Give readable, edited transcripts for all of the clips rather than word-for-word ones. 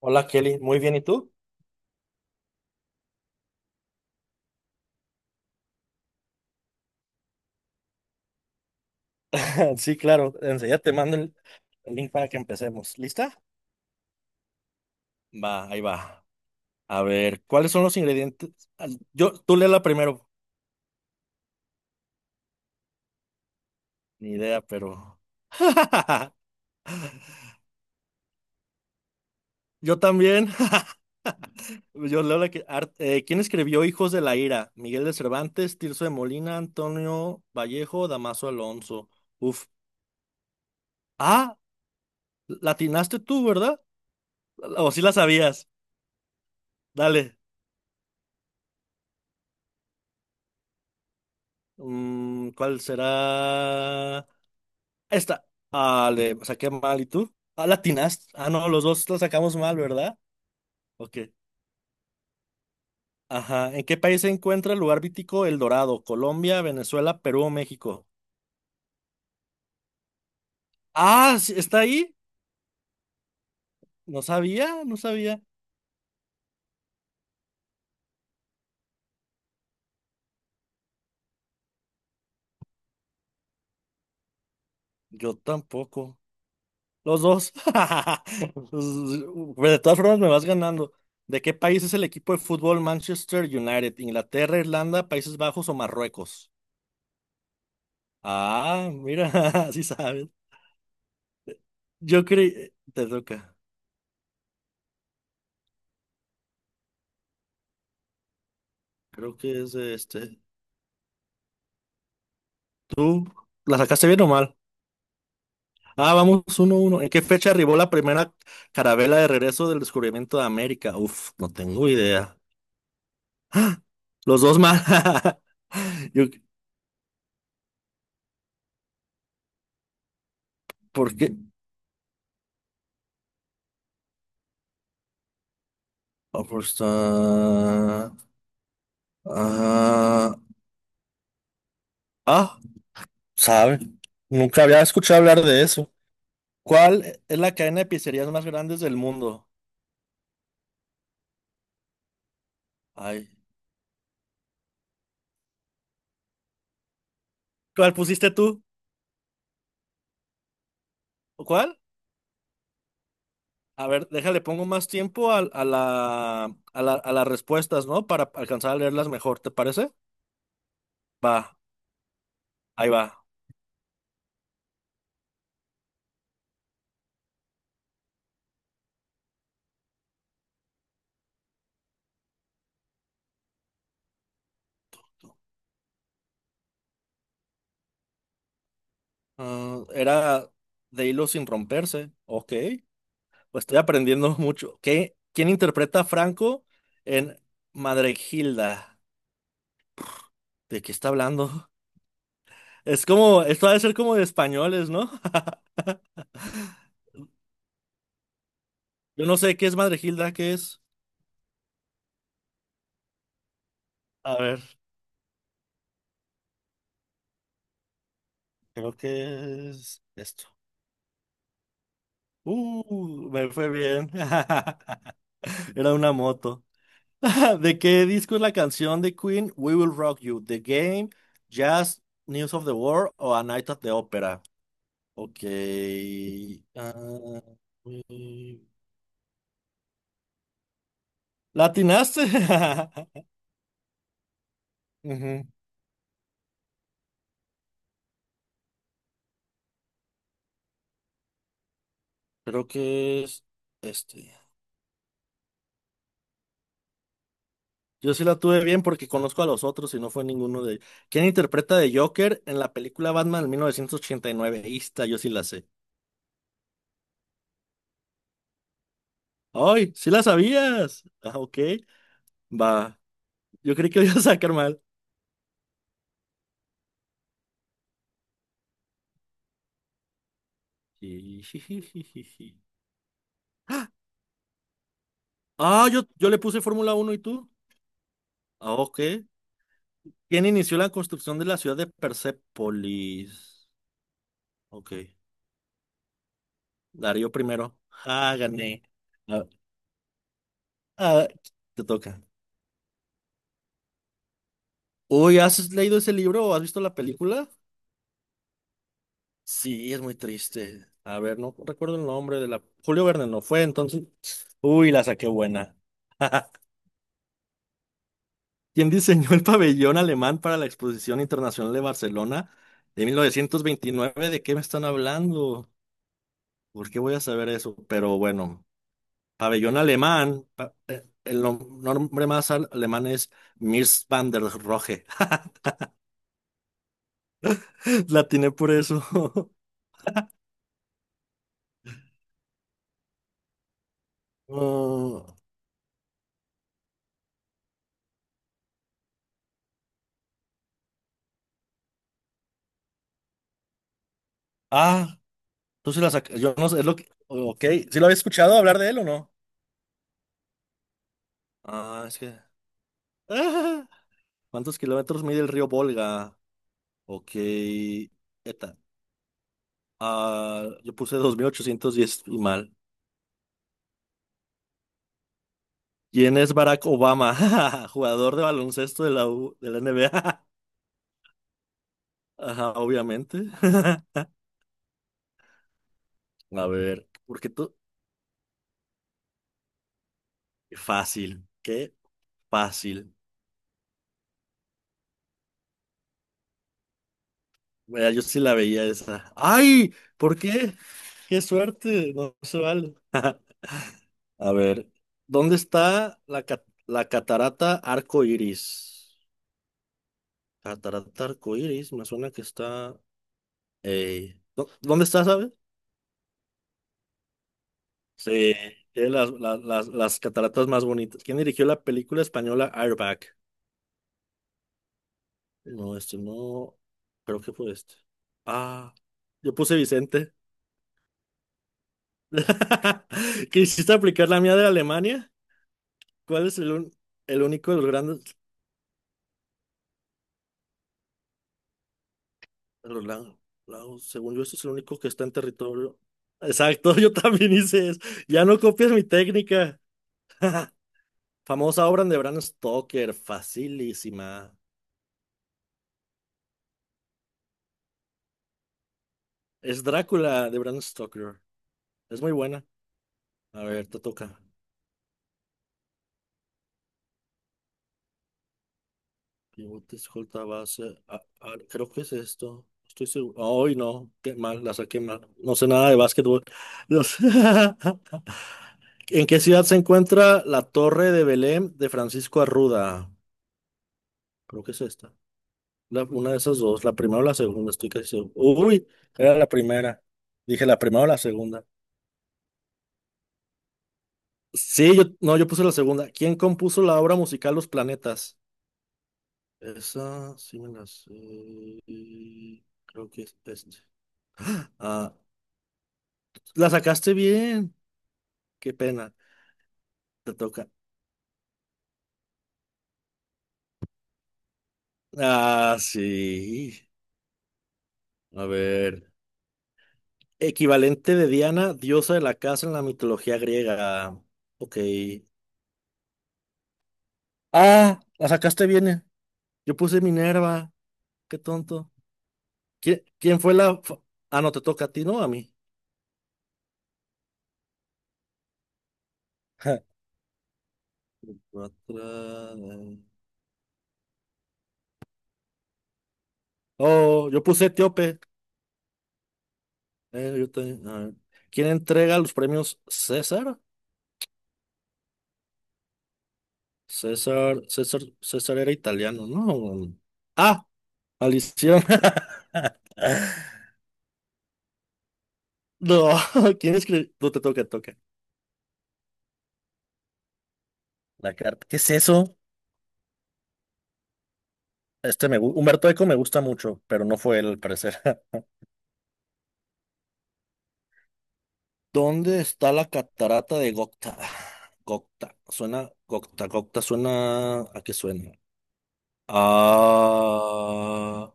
Hola Kelly, muy bien, ¿y tú? Sí, claro, enseguida te mando el link para que empecemos. ¿Lista? Va, ahí va. A ver, ¿cuáles son los ingredientes? Yo, tú léela primero. Ni idea, pero. Yo también. Yo leo la que. ¿Quién escribió Hijos de la Ira? Miguel de Cervantes, Tirso de Molina, Antonio Vallejo, Damaso Alonso. Uf. Ah, latinaste tú, ¿verdad? O sí la sabías. Dale. ¿Cuál será? Esta. Ah, le saqué mal. ¿Y tú? Ah, latinas. Ah, no, los dos la sacamos mal, ¿verdad? Ok. Ajá. ¿En qué país se encuentra el lugar vítico El Dorado? ¿Colombia, Venezuela, Perú o México? Ah, sí, ¿está ahí? No sabía, no sabía. Yo tampoco. Los dos. Pues, de todas formas, me vas ganando. ¿De qué país es el equipo de fútbol Manchester United? ¿Inglaterra, Irlanda, Países Bajos o Marruecos? Ah, mira, sí sabes. Yo creí. Te toca. Creo que es de este. ¿Tú la sacaste bien o mal? Ah, vamos 1-1. ¿En qué fecha arribó la primera carabela de regreso del descubrimiento de América? Uf, no tengo idea. Los dos mal. Yo- ¿Por qué? Ah, pues, ah, ah, sabe. Nunca había escuchado hablar de eso. ¿Cuál es la cadena de pizzerías más grandes del mundo? Ay. ¿Cuál pusiste tú? ¿Cuál? A ver, déjale, pongo más tiempo a las respuestas, ¿no? Para alcanzar a leerlas mejor, ¿te parece? Va, ahí va. Ah, era de hilo sin romperse. Ok, pues estoy aprendiendo mucho. ¿Qué? ¿Quién interpreta a Franco en Gilda? ¿De qué está hablando? Es como, esto ha de ser como de españoles, ¿no? Yo no sé qué es Gilda, ¿qué es? A ver, creo que es esto. Me fue bien. Era una moto. ¿De qué disco es la canción de Queen We Will Rock You? ¿The Game, Jazz, News of the World o A Night at the Opera? Ok. ah, eh, ¿Latinaste? Ujú, creo que es este. Yo sí la tuve bien porque conozco a los otros y no fue ninguno de ellos. ¿Quién interpreta de Joker en la película Batman del 1989? Ahí está, yo sí la sé. ¡Ay! ¡Sí la sabías! Ah, ok. Va. Yo creí que lo iba a sacar mal. Jijijijiji. Ah, yo le puse Fórmula 1 y tú. Ah, ok. ¿Quién inició la construcción de la ciudad de Persépolis? Ok. Darío primero. Ah, gané. Ah, ah, te toca. Uy, ¿has leído ese libro o has visto la película? Sí, es muy triste. A ver, no recuerdo el nombre de la. Julio Verne no fue, entonces. Uy, la saqué buena. Quien diseñó el pabellón alemán para la Exposición Internacional de Barcelona de 1929. ¿De qué me están hablando? ¿Por qué voy a saber eso? Pero bueno, pabellón alemán, el nombre más alemán es Mies van der Rohe. La tiene por eso. Uh, ah, tú sí la sac- Yo no sé, es lo que. Ok, ¿sí lo había escuchado hablar de él o no? Ah, es que. Ah, ¿cuántos kilómetros mide el río Volga? Ok. eta- Ah, yo puse 2810 y mal. ¿Quién es Barack Obama? Jugador de baloncesto de la NBA. Ajá, obviamente. A ver, porque tú. Qué fácil, qué fácil. Mira, yo sí la veía esa. ¡Ay! ¿Por qué? ¡Qué suerte! No se vale. A ver, ¿dónde está la catarata Arco Iris? Catarata Arco Iris, me suena que está. ¿Dónde está, sabes? Sí, tiene las cataratas más bonitas. ¿Quién dirigió la película española Airbag? No, este no. Creo que fue este. Ah, yo puse Vicente. ¿Quisiste aplicar la mía de Alemania? ¿Cuál es el único de los grandes? Los lagos Según yo, este es el único que está en territorio. Exacto, yo también hice eso. Ya no copies mi técnica. Famosa obra de Bram Stoker, facilísima. Es Drácula de Bram Stoker. Es muy buena. A ver, te toca. Pivote, escolta, base. Creo que es esto. Estoy seguro. Ay, no. Qué mal, la saqué mal. No sé nada de básquetbol. No sé. ¿En qué ciudad se encuentra la Torre de Belém de Francisco Arruda? Creo que es esta. Una de esas dos. La primera o la segunda, estoy casi seguro. Uy, era la primera. Dije la primera o la segunda. Sí, yo, no, yo puse la segunda. ¿Quién compuso la obra musical Los Planetas? Esa sí me la sé. Creo que es este. Ah, la sacaste bien. Qué pena. Te toca. Ah, sí. A ver. Equivalente de Diana, diosa de la casa en la mitología griega. Ok. Ah, la sacaste bien. Yo puse Minerva. Qué tonto. ¿Quién fue la... Ah, no, te toca a ti, ¿no? A mí. Ja. Otra. Oh, yo puse Etíope. Eh, yo te- a ver. ¿Quién entrega los premios César? César, César, César era italiano, ¿no? Ah, Alicia. No, ¿quién escribió? No te toca, te toca. La carta. ¿Qué es eso? Este Humberto Eco me gusta mucho, pero no fue él, al parecer. ¿Dónde está la catarata de Gocta? Gocta. Suena, Gocta, Gocta suena. ¿A qué suena? Ah,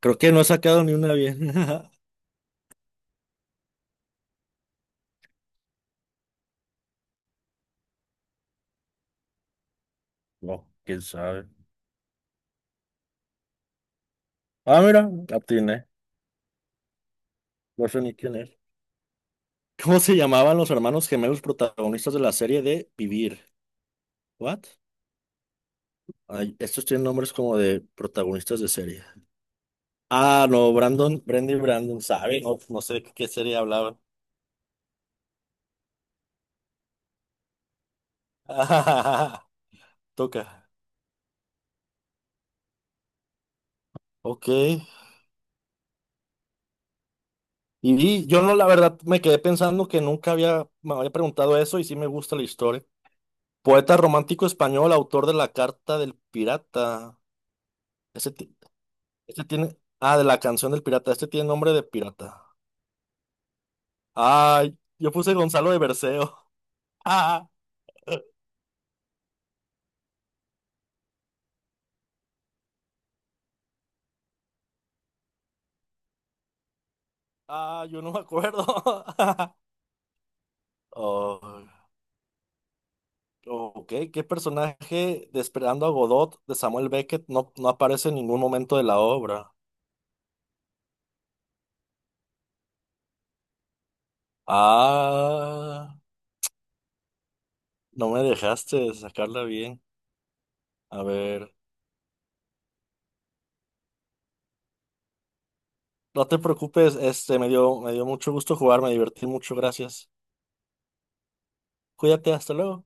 creo que no he sacado ni una bien. No, quién sabe. Ah, mira, atiné. No sé ni quién es. ¿Cómo se llamaban los hermanos gemelos protagonistas de la serie de Vivir? ¿What? Ay, estos tienen nombres como de protagonistas de serie. Ah, no, Brandon, Brenda y Brandon, ¿sabe? No, no sé de qué serie hablaban. Toca. Ok. Y yo no, la verdad, me quedé pensando que nunca había, me había preguntado eso y sí me gusta la historia. Poeta romántico español, autor de La Carta del Pirata. Este, ti- este tiene, ah, de la canción del pirata. Este tiene nombre de pirata. Ay, yo puse Gonzalo de Berceo. Ah, ah, yo no me acuerdo. Oh, ok, ¿qué personaje de Esperando a Godot de Samuel Beckett no, no aparece en ningún momento de la obra? Ah, no me dejaste sacarla bien. A ver, no te preocupes, este me dio, mucho gusto jugar, me divertí mucho, gracias. Cuídate, hasta luego.